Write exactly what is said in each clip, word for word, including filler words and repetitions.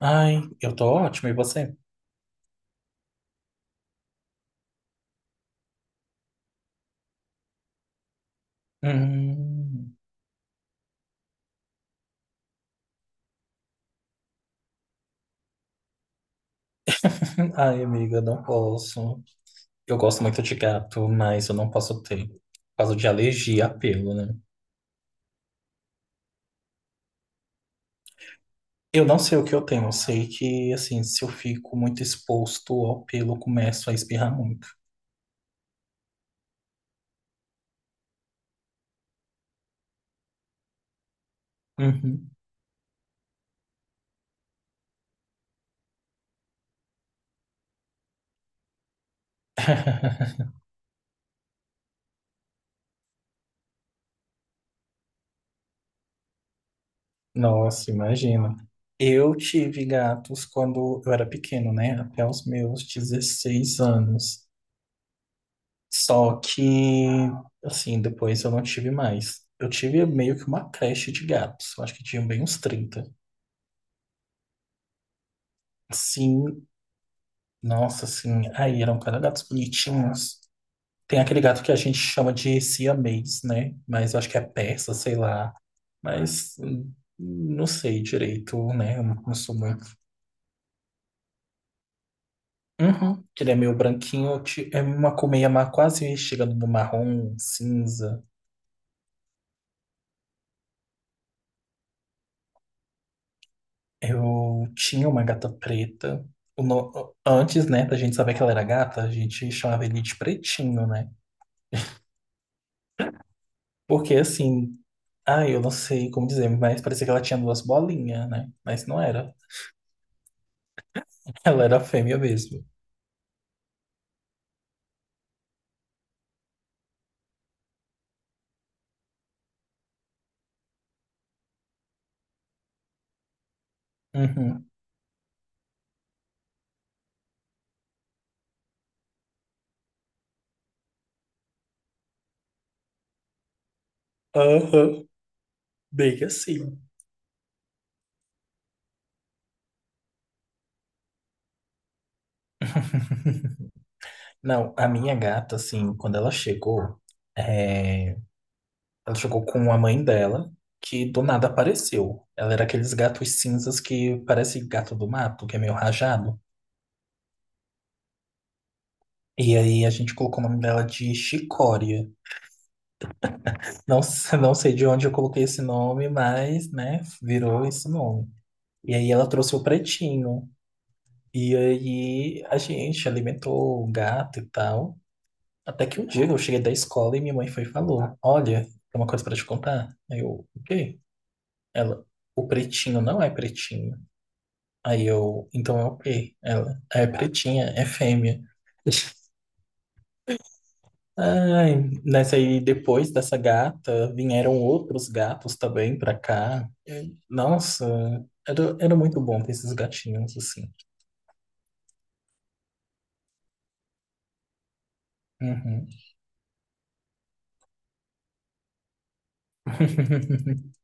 Ai, eu tô ótimo e você? Hum. Ai, amiga, não posso. Eu gosto muito de gato, mas eu não posso ter. Por causa de alergia a pelo, né? Eu não sei o que eu tenho. Eu sei que, assim, se eu fico muito exposto ao pelo, eu começo a espirrar muito. Uhum. Nossa, imagina. Eu tive gatos quando eu era pequeno, né? Até os meus dezesseis anos. Só que, assim, depois eu não tive mais. Eu tive meio que uma creche de gatos. Eu acho que tinha bem uns trinta. Sim, nossa, assim. Aí eram cada gatos bonitinhos. Tem aquele gato que a gente chama de siamês, né? Mas eu acho que é persa, sei lá. Mas hum, não sei direito, né? Eu não sou muito. Uhum, que ele é meio branquinho. ti- É uma colmeia ma- quase chegando no marrom, cinza. Eu tinha uma gata preta. O no- Antes, né, da gente saber que ela era gata, a gente chamava ele de pretinho, né? Porque assim, ah, eu não sei como dizer, mas parecia que ela tinha duas bolinhas, né? Mas não era. Ela era fêmea mesmo. Uhum. Aham. Bem assim. Não, a minha gata, assim, quando ela chegou, é, ela chegou com a mãe dela, que do nada apareceu. Ela era aqueles gatos cinzas que parece gato do mato, que é meio rajado. E aí a gente colocou o nome dela de Chicória. Não, se- não sei de onde eu coloquei esse nome, mas, né, virou esse nome. E aí ela trouxe o pretinho. E aí a gente alimentou o gato e tal. Até que um dia eu cheguei da escola e minha mãe foi e falou: olha, tem uma coisa pra te contar. Aí eu, o quê? Ela, o pretinho não é pretinho. Aí eu, então é o quê? Ela, é pretinha, é fêmea. Ai, nessa aí, depois dessa gata, vieram outros gatos também pra cá. E, nossa, era, era muito bom ter esses gatinhos assim. Uhum.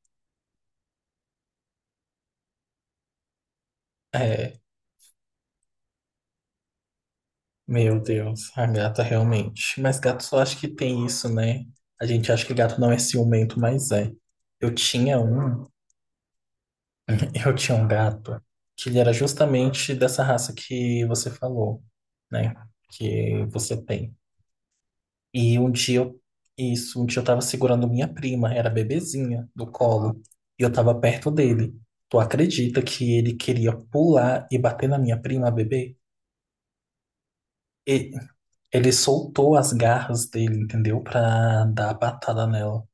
É, meu Deus, a gata realmente. Mas gato só acho que tem isso, né? A gente acha que gato não é ciumento, mas é. Eu tinha um, eu tinha um gato que ele era justamente dessa raça que você falou, né? Que você tem. E um dia eu, isso, um dia eu tava segurando minha prima, era bebezinha, do colo, e eu tava perto dele. Tu acredita que ele queria pular e bater na minha prima, a bebê? E ele soltou as garras dele, entendeu? Pra dar a patada nela.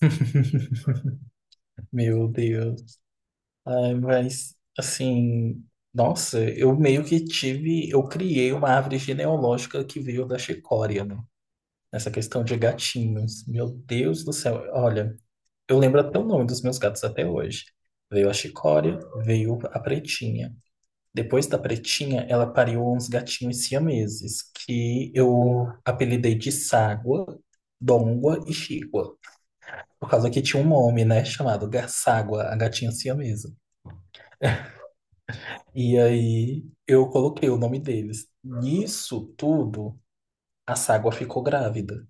Meu Deus. Ai, mas, assim, nossa, eu meio que tive, eu criei uma árvore genealógica que veio da Chicória, né? Nessa questão de gatinhos. Meu Deus do céu. Olha. Eu lembro até o nome dos meus gatos até hoje. Veio a Chicória, veio a Pretinha. Depois da Pretinha, ela pariu uns gatinhos siameses, que eu apelidei de Ságua, Dongua e Chigua. Por causa que tinha um nome, né, chamado Ga- Ságua, a gatinha siamesa. E aí eu coloquei o nome deles. Nisso tudo, a Ságua ficou grávida.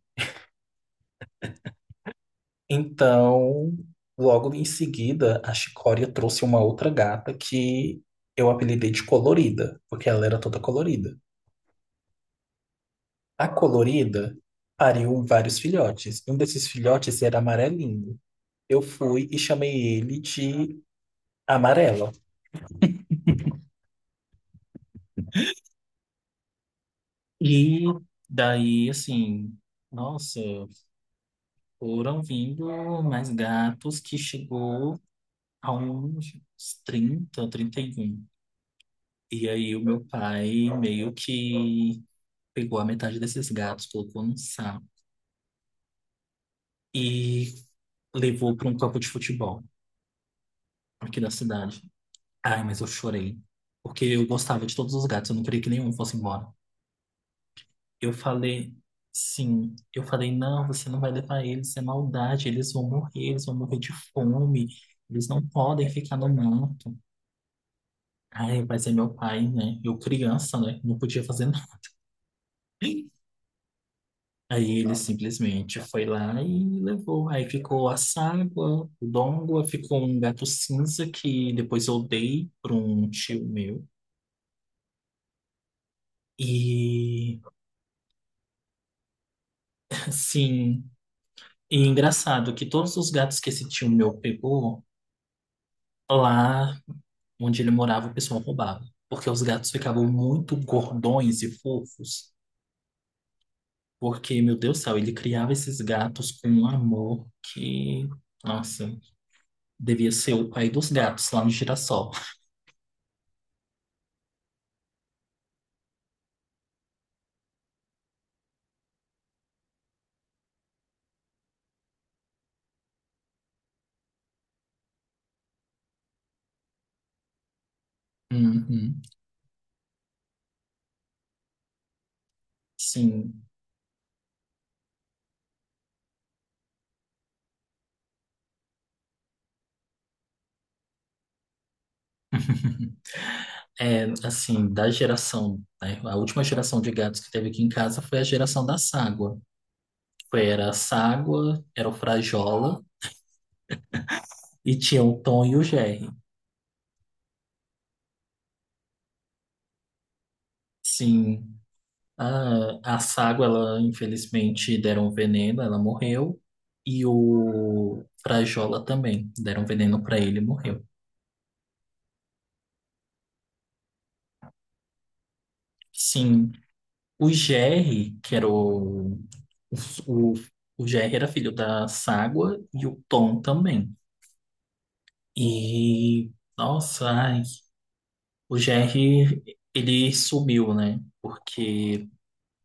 Então, logo em seguida, a Chicória trouxe uma outra gata que eu apelidei de Colorida, porque ela era toda colorida. A Colorida pariu vários filhotes. Um desses filhotes era amarelinho. Eu fui e chamei ele de Amarelo. E daí, assim, nossa, foram vindo mais gatos que chegou a uns trinta, trinta e um. E aí o meu pai meio que pegou a metade desses gatos, colocou num saco e levou para um campo de futebol aqui da cidade. Ai, mas eu chorei, porque eu gostava de todos os gatos, eu não queria que nenhum fosse embora. Eu falei, sim, eu falei, não, você não vai levar eles, é maldade, eles vão morrer, eles vão morrer de fome, eles não podem ficar no mato. Ai, mas é meu pai, né? Eu criança, né? Não podia fazer nada. Aí ele simplesmente foi lá e levou. Aí ficou a Ságua, o Dongua, ficou um gato cinza que depois eu dei para um tio meu. E assim, e é engraçado que todos os gatos que esse tio meu pegou, lá onde ele morava, o pessoal roubava. Porque os gatos ficavam muito gordões e fofos. Porque, meu Deus do céu, ele criava esses gatos com um amor que, nossa, devia ser o pai dos gatos lá no girassol. Uhum. Sim, é assim, da geração, né? A última geração de gatos que teve aqui em casa foi a geração da Ságua. Foi- Era a Ságua, era o Frajola e tinha o Tom e o Jerry. Sim, a, a Ságua, ela infelizmente deram veneno, ela morreu. E o Frajola também, deram veneno para ele e morreu. Sim, o Jerry, que era o, o, o Jerry era filho da Ságua e o Tom também. E, nossa, ai, o G R, ele sumiu, né? Porque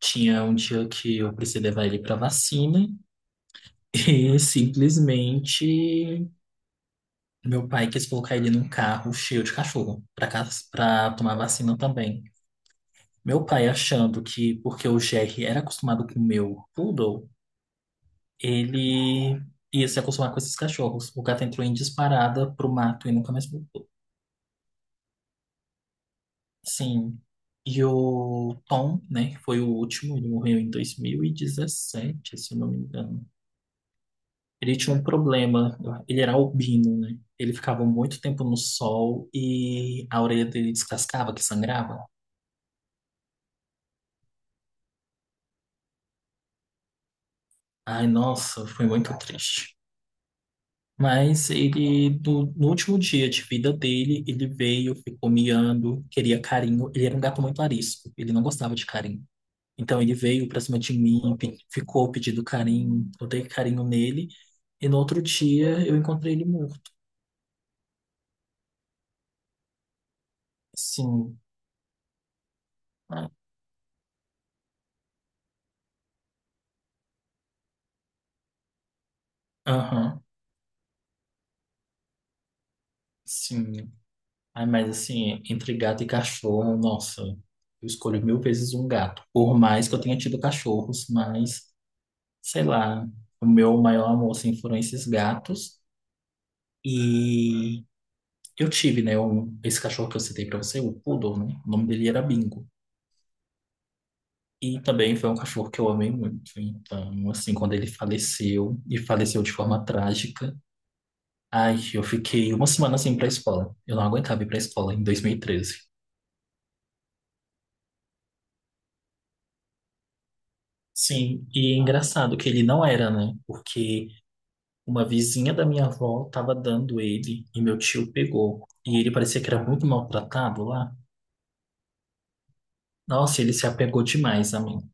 tinha um dia que eu precisei levar ele pra vacina e simplesmente meu pai quis colocar ele num carro cheio de cachorro pra ca- pra tomar vacina também. Meu pai achando que, porque o G R era acostumado com o meu poodle, ele ia se acostumar com esses cachorros. O gato entrou em disparada pro mato e nunca mais voltou. Sim. E o Tom, né, que foi o último, ele morreu em dois mil e dezessete se eu não me engano. Ele tinha um problema, ele era albino, né? Ele ficava muito tempo no sol e a orelha dele descascava, que sangrava. Ai, nossa, foi muito triste. Mas ele, do- no último dia de vida dele, ele veio, ficou miando, queria carinho. Ele era um gato muito arisco, ele não gostava de carinho. Então ele veio pra cima de mim, pe- ficou pedindo carinho, eu dei carinho nele, e no outro dia eu encontrei ele morto. Sim. Ah, aham, sim. Ai, mas assim, entre gato e cachorro, nossa, eu escolho mil vezes um gato. Por mais que eu tenha tido cachorros, mas, sei lá, o meu maior amor, assim, foram esses gatos. E eu tive, né, um, esse cachorro que eu citei pra você, o Poodle, né? O nome dele era Bingo. E também foi um cachorro que eu amei muito. Então, assim, quando ele faleceu, e faleceu de forma trágica, ai, eu fiquei uma semana sem ir pra escola. Eu não aguentava ir pra escola em dois mil e treze. Sim, e é engraçado que ele não era, né? Porque uma vizinha da minha avó tava dando ele e meu tio pegou. E ele parecia que era muito maltratado lá. Nossa, ele se apegou demais a mim.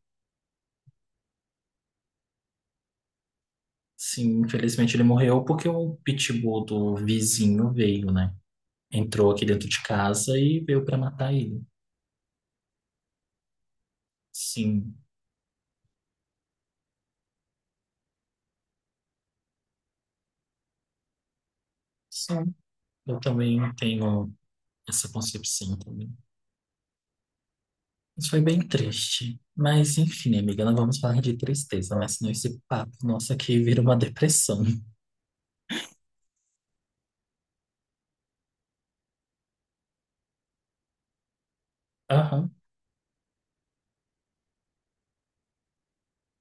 Sim, infelizmente ele morreu porque o pitbull do vizinho veio, né? Entrou aqui dentro de casa e veio para matar ele. Sim, sim. Eu também tenho essa concepção também. Isso foi bem triste. Mas, enfim, amiga, não vamos falar de tristeza, mas senão esse papo nosso aqui vira uma depressão. Aham.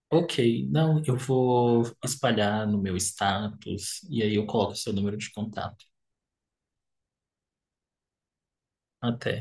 Ok, não, eu vou espalhar no meu status e aí eu coloco o seu número de contato. Até.